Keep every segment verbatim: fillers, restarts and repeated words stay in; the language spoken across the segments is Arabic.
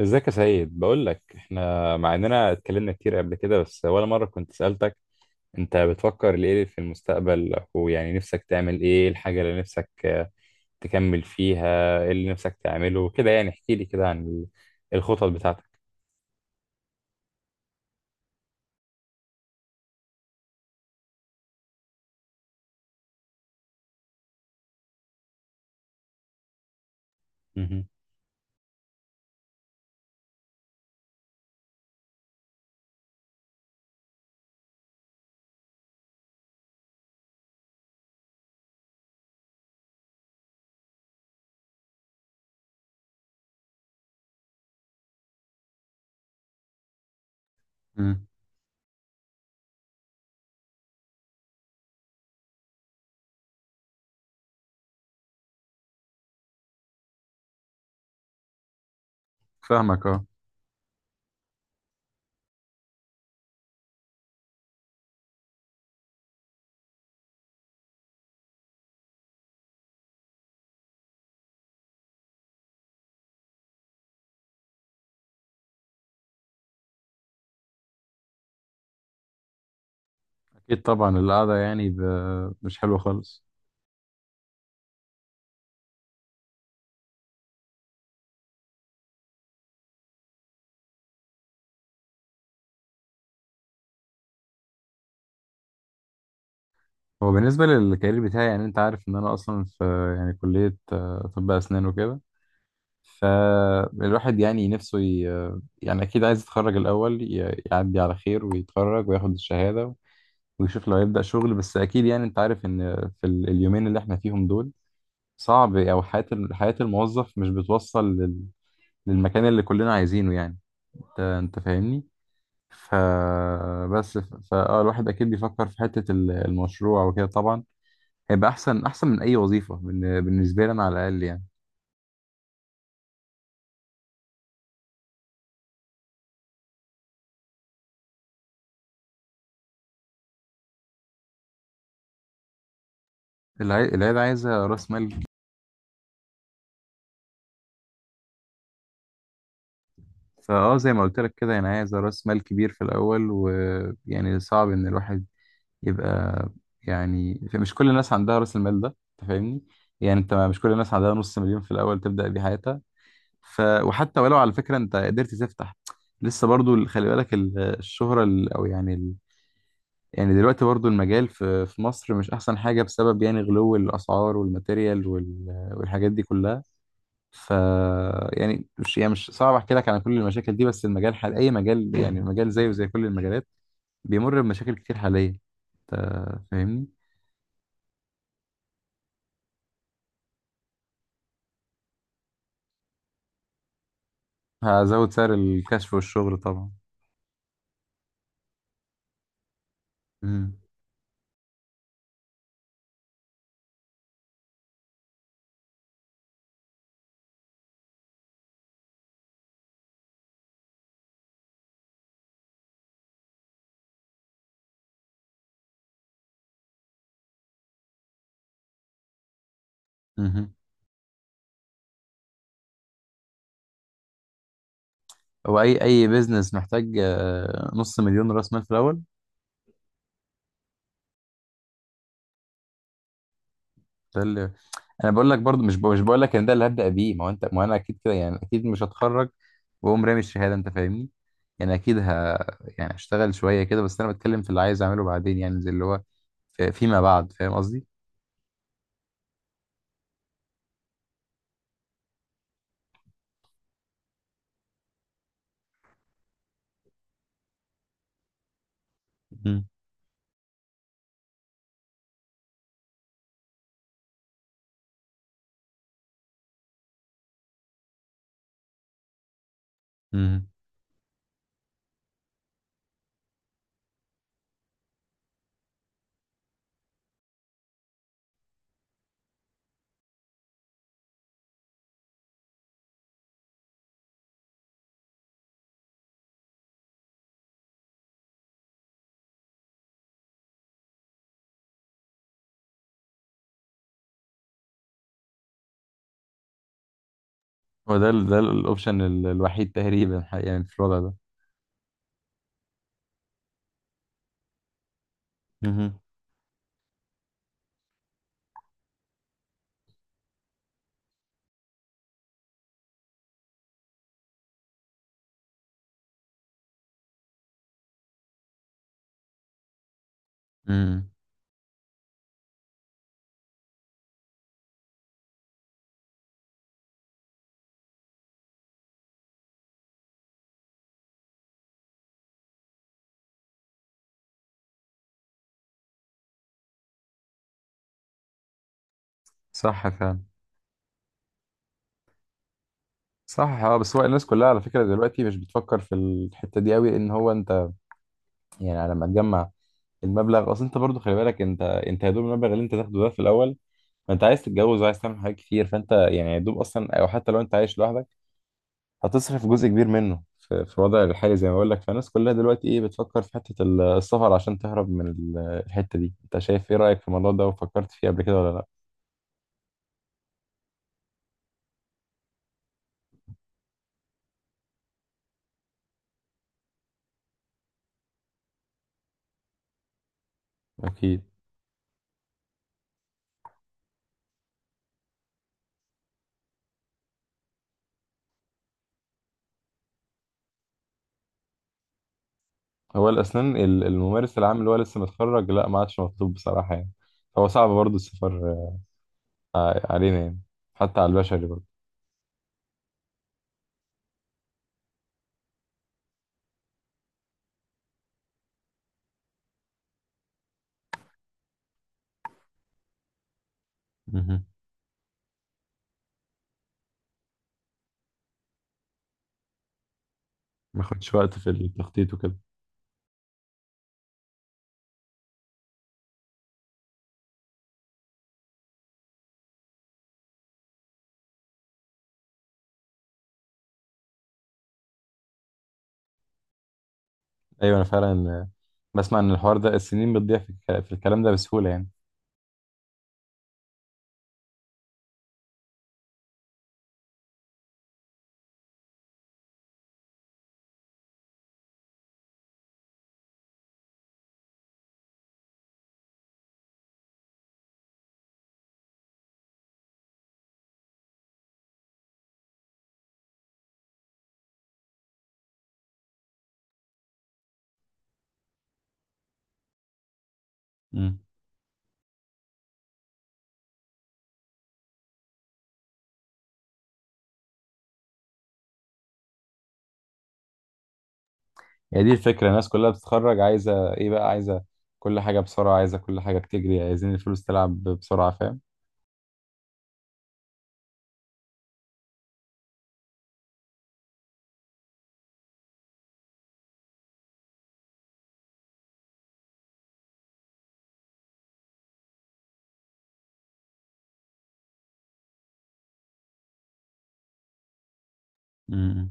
ازيك يا سيد؟ بقول لك احنا مع اننا اتكلمنا كتير قبل كده، بس ولا مره كنت سالتك انت بتفكر ليه في المستقبل، ويعني نفسك تعمل ايه؟ إيه الحاجه اللي نفسك آه، تكمل فيها؟ ايه اللي نفسك تعمله كده؟ يعني احكي لي كده عن ال- الخطط بتاعتك. مهم. مم. فاهمك، اه. اكيد طبعا، القعده يعني ب... مش حلوه خالص. هو بالنسبه للكارير بتاعي، يعني انت عارف ان انا اصلا في يعني كليه، آه، طب اسنان وكده. فالواحد يعني نفسه ي... يعني أكيد عايز يتخرج الأول، ي... يعدي على خير ويتخرج وياخد الشهادة ويشوف لو يبدأ شغل. بس أكيد يعني أنت عارف إن في ال- اليومين اللي إحنا فيهم دول صعب، أو حياة ال- حياة الموظف مش بتوصل لل... للمكان اللي كلنا عايزينه يعني. أنت أنت فاهمني؟ فبس ف... فأه الواحد أكيد بيفكر في حتة ال- المشروع وكده طبعا. هيبقى أحسن أحسن من أي وظيفة بال- بالنسبة لي أنا على الأقل يعني. العي- العيلة عايزة رأس مال. فاه زي ما قلت لك كده، يعني عايز راس مال كبير في الاول، ويعني صعب ان الواحد يبقى. يعني مش كل الناس عندها راس المال ده، انت فاهمني؟ يعني انت مش كل الناس عندها نص مليون في الاول تبدا بيه حياتها. ف وحتى ولو على فكره انت قدرت تفتح، لسه برضو ال- خلي بالك ال- الشهره ال- او يعني ال... يعني دلوقتي برضو المجال في في مصر مش احسن حاجه، بسبب يعني غلو الاسعار والماتيريال وال... والحاجات دي كلها. ف يعني مش يعني مش صعب احكي لك عن كل المشاكل دي، بس المجال حال اي مجال يعني مجال زيه زي كل المجالات، بيمر بمشاكل كتير حاليا. انت فاهمني؟ هزود سعر الكشف والشغل طبعا. امم. امم. هو اي اي بيزنس محتاج آه، نص مليون راس مال في الاول. ده اللي انا بقول لك، برضو مش بقول- مش بقول لك ان ده اللي هبدا بيه. ما هو انت، ما انا اكيد كده يعني، اكيد مش هتخرج واقوم رامي الشهاده، انت فاهمني؟ يعني اكيد ه يعني اشتغل شويه كده. بس انا بتكلم في اللي عايز اعمله بعدين، يعني زي اللي هو في- فيما بعد، فاهم قصدي؟ مم. مم. هو ده ال- ده الاوبشن ال- الوحيد تقريبا ح- يعني في الوضع ده. مهم. مم. امم. صح فعلا. صح، اه. بس هو الناس كلها على فكره دلوقتي مش بتفكر في الحته دي قوي، لان هو انت يعني على ما تجمع المبلغ، اصل انت برضو خلي بالك، انت انت يا دوب المبلغ اللي انت تاخده ده في الاول، انت عايز تتجوز وعايز تعمل حاجات كتير، فانت يعني يا دوب اصلا. او حتى لو انت عايش لوحدك هتصرف جزء كبير منه في في الوضع الحالي، زي ما بقول لك. فالناس كلها دلوقتي ايه بتفكر في حتة ال- السفر عشان تهرب من ال- الحتة دي. انت شايف ايه رأيك في الموضوع ده، وفكرت فيه قبل كده ولا لا؟ اكيد. هو الاسنان ال- الممارس العام اللي هو لسه متخرج لا، ما عادش مطلوب بصراحة يعني. هو صعب برضه السفر ع- علينا يعني، حتى على البشري برضه. مهم. ما ياخدش وقت في التخطيط وكده. ايوه انا فعلا بسمع ان الحوار ده، السنين بتضيع في الك- في الكلام ده بسهولة يعني. مم. هي دي الفكرة، الناس كلها بتتخرج عايزة ايه؟ بقى عايزة كل حاجة بسرعة، عايزة كل حاجة بتجري، عايزين الفلوس تلعب بسرعة، فاهم؟ مم.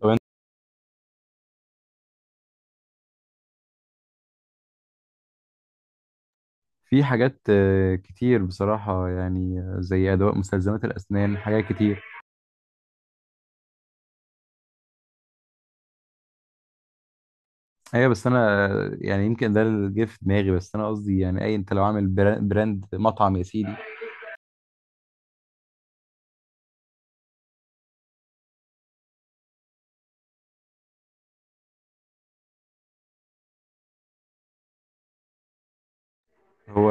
طب انت، في حاجات آه، كتير بصراحة يعني، آه، زي أدوات مستلزمات الأسنان، حاجات كتير. أيوة، بس أنا آه، يعني يمكن ده اللي جه في دماغي. بس أنا قصدي يعني أي، أنت لو عامل برا- براند مطعم يا سيدي. هو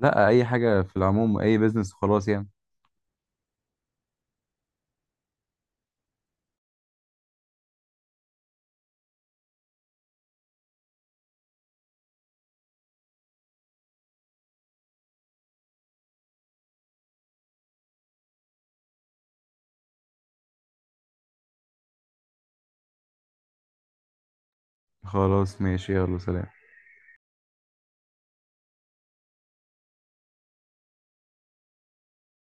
لأ، أي حاجة في العموم، أي بيزنس خلاص يعني. خلاص ماشي، يلا سلام.